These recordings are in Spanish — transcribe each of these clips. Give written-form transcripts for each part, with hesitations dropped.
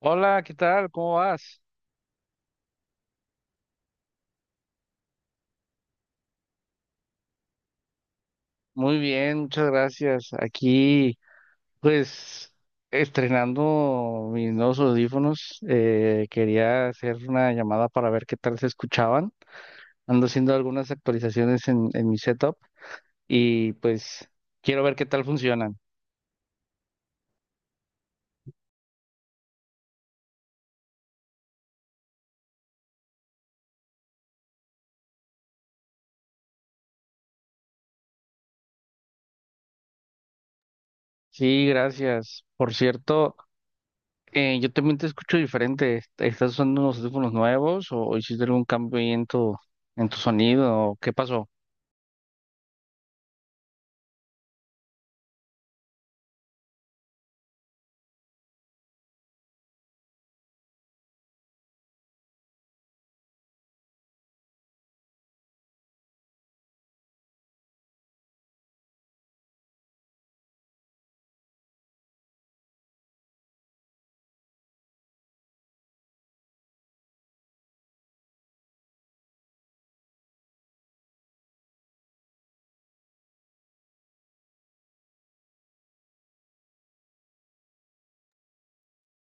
Hola, ¿qué tal? ¿Cómo vas? Muy bien, muchas gracias. Aquí, pues, estrenando mis nuevos audífonos, quería hacer una llamada para ver qué tal se escuchaban. Ando haciendo algunas actualizaciones en mi setup y pues quiero ver qué tal funcionan. Sí, gracias. Por cierto, yo también te escucho diferente. ¿Estás usando unos audífonos nuevos o hiciste algún cambio ahí en en tu sonido? ¿O qué pasó?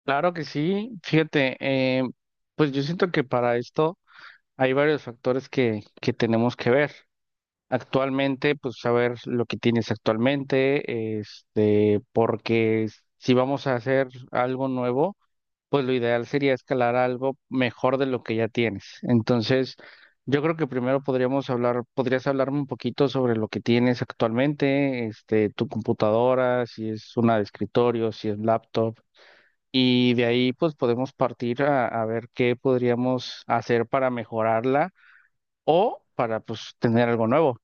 Claro que sí, fíjate, pues yo siento que para esto hay varios factores que tenemos que ver. Actualmente, pues saber lo que tienes actualmente, este, porque si vamos a hacer algo nuevo, pues lo ideal sería escalar a algo mejor de lo que ya tienes. Entonces, yo creo que primero podríamos hablar, podrías hablarme un poquito sobre lo que tienes actualmente, este, tu computadora, si es una de escritorio, si es laptop. Y de ahí pues podemos partir a ver qué podríamos hacer para mejorarla o para pues tener algo nuevo.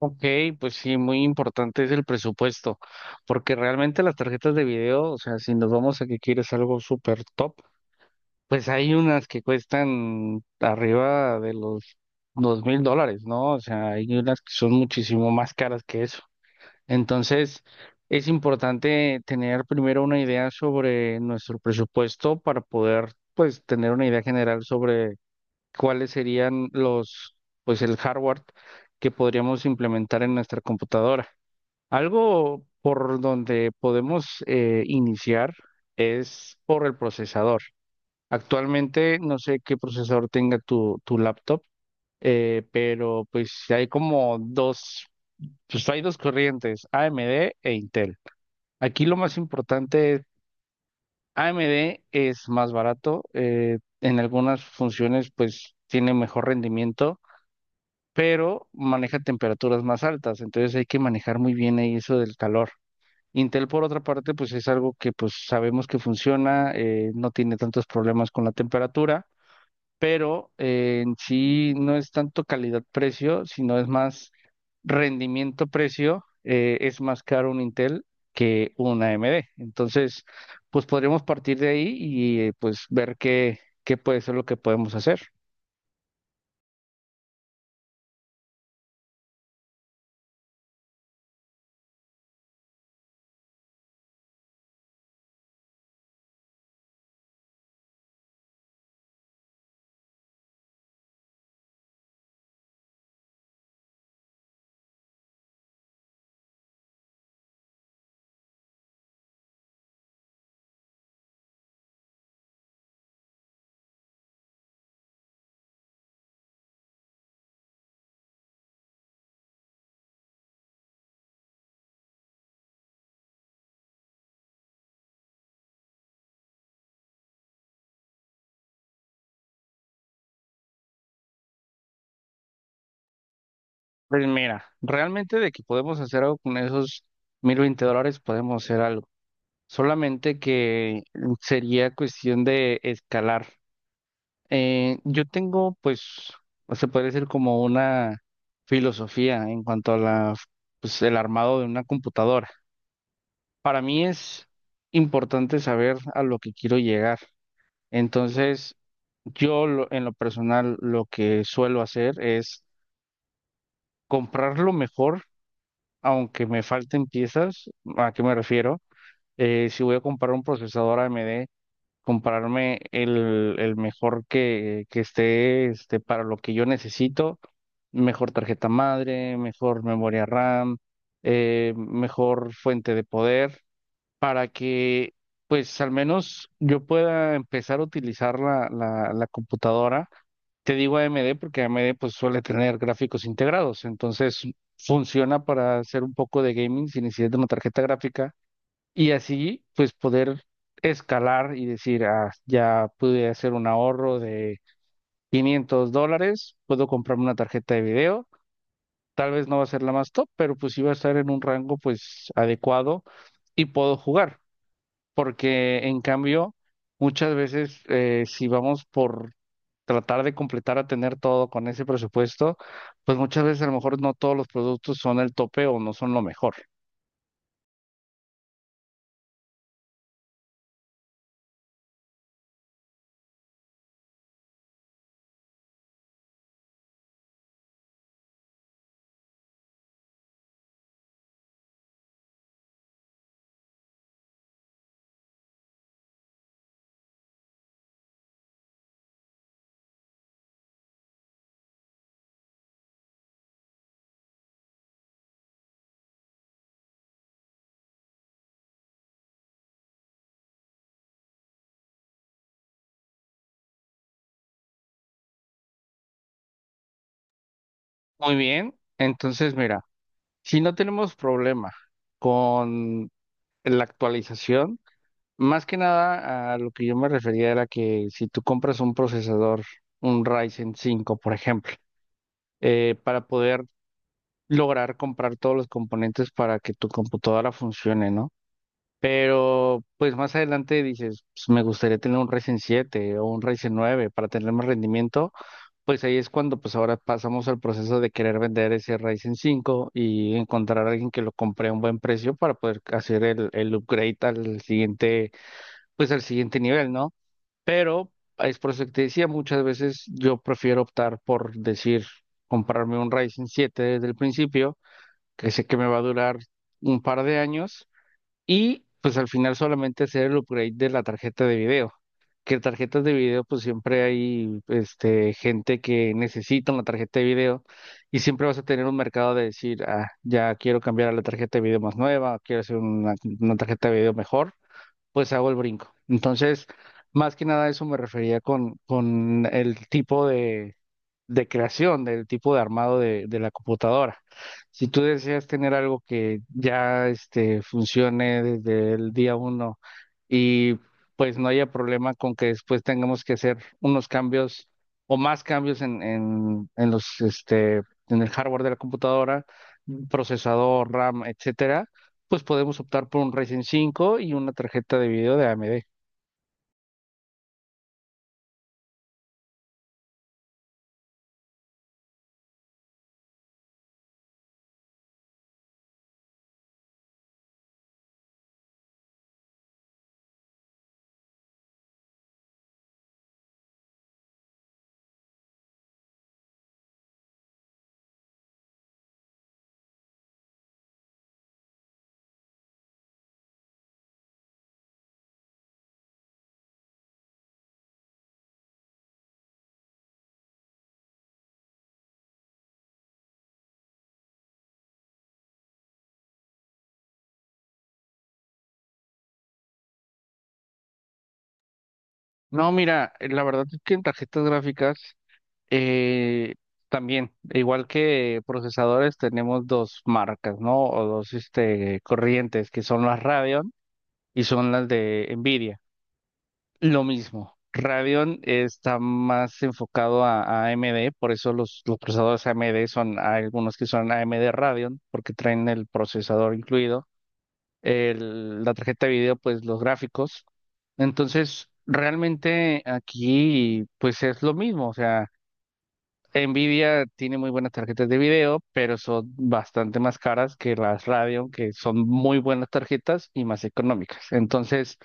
Ok, pues sí, muy importante es el presupuesto, porque realmente las tarjetas de video, o sea, si nos vamos a que quieres algo súper top, pues hay unas que cuestan arriba de los $2000, ¿no? O sea, hay unas que son muchísimo más caras que eso. Entonces, es importante tener primero una idea sobre nuestro presupuesto para poder, pues, tener una idea general sobre cuáles serían los, pues, el hardware que podríamos implementar en nuestra computadora. Algo por donde podemos iniciar es por el procesador. Actualmente no sé qué procesador tenga tu laptop, pero pues hay pues hay dos corrientes, AMD e Intel. Aquí lo más importante es: AMD es más barato, en algunas funciones pues tiene mejor rendimiento, pero maneja temperaturas más altas, entonces hay que manejar muy bien ahí eso del calor. Intel por otra parte pues es algo que pues sabemos que funciona, no tiene tantos problemas con la temperatura, pero en sí no es tanto calidad-precio, sino es más rendimiento-precio, es más caro un Intel que un AMD. Entonces, pues podríamos partir de ahí y, pues ver qué puede ser lo que podemos hacer. Pues mira, realmente de que podemos hacer algo con esos $1020, podemos hacer algo. Solamente que sería cuestión de escalar. Yo tengo, pues, o se puede decir como una filosofía en cuanto a pues, el armado de una computadora. Para mí es importante saber a lo que quiero llegar. Entonces, en lo personal lo que suelo hacer es comprar lo mejor, aunque me falten piezas. ¿A qué me refiero? Si voy a comprar un procesador AMD, comprarme el mejor que esté este, para lo que yo necesito: mejor tarjeta madre, mejor memoria RAM, mejor fuente de poder, para que pues al menos yo pueda empezar a utilizar la computadora. Te digo AMD porque AMD pues suele tener gráficos integrados, entonces funciona para hacer un poco de gaming sin necesidad de una tarjeta gráfica y así pues poder escalar y decir, ah, ya pude hacer un ahorro de $500, puedo comprarme una tarjeta de video, tal vez no va a ser la más top, pero pues sí va a estar en un rango pues adecuado y puedo jugar, porque en cambio, muchas veces, si vamos por tratar de completar a tener todo con ese presupuesto, pues muchas veces a lo mejor no todos los productos son el tope o no son lo mejor. Muy bien, entonces mira, si no tenemos problema con la actualización, más que nada a lo que yo me refería era que si tú compras un procesador, un Ryzen cinco por ejemplo, para poder lograr comprar todos los componentes para que tu computadora funcione, ¿no? Pero pues más adelante dices, pues, me gustaría tener un Ryzen 7 o un Ryzen 9 para tener más rendimiento, pues ahí es cuando pues ahora pasamos al proceso de querer vender ese Ryzen 5 y encontrar a alguien que lo compre a un buen precio para poder hacer el upgrade al siguiente, pues al siguiente nivel, ¿no? Pero es por eso que te decía, muchas veces yo prefiero optar por decir, comprarme un Ryzen 7 desde el principio, que sé que me va a durar un par de años y pues al final solamente hacer el upgrade de la tarjeta de video. Que tarjetas de video, pues siempre hay este, gente que necesita una tarjeta de video y siempre vas a tener un mercado de decir, ah, ya quiero cambiar a la tarjeta de video más nueva, quiero hacer una tarjeta de video mejor, pues hago el brinco. Entonces, más que nada a eso me refería con el tipo de creación, del tipo de armado de la computadora. Si tú deseas tener algo que ya este, funcione desde el día uno y pues no haya problema con que después tengamos que hacer unos cambios o más cambios en los, este, en el hardware de la computadora, procesador, RAM, etcétera, pues podemos optar por un Ryzen cinco y una tarjeta de video de AMD. No, mira, la verdad es que en tarjetas gráficas, eh, también, igual que procesadores, tenemos dos marcas, ¿no? O dos este, corrientes, que son las Radeon y son las de Nvidia. Lo mismo. Radeon está más enfocado a AMD, por eso los procesadores AMD son, hay algunos que son AMD Radeon, porque traen el procesador incluido la tarjeta de video, pues los gráficos. Entonces, realmente aquí, pues es lo mismo. O sea, Nvidia tiene muy buenas tarjetas de video, pero son bastante más caras que las Radeon, que son muy buenas tarjetas y más económicas. Entonces,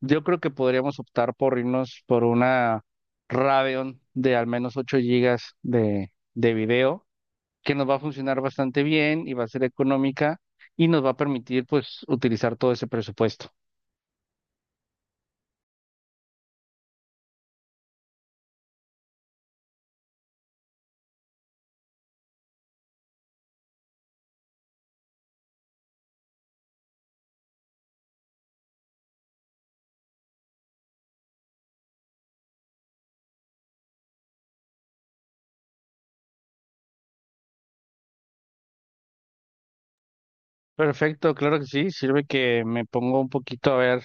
yo creo que podríamos optar por irnos por una Radeon de al menos 8 gigas de video, que nos va a funcionar bastante bien y va a ser económica y nos va a permitir, pues, utilizar todo ese presupuesto. Perfecto, claro que sí. Sirve que me pongo un poquito a ver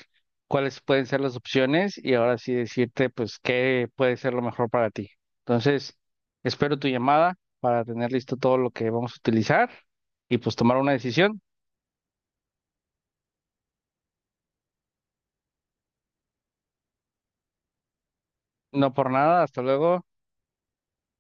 cuáles pueden ser las opciones y ahora sí decirte, pues, qué puede ser lo mejor para ti. Entonces, espero tu llamada para tener listo todo lo que vamos a utilizar y pues tomar una decisión. No, por nada, hasta luego.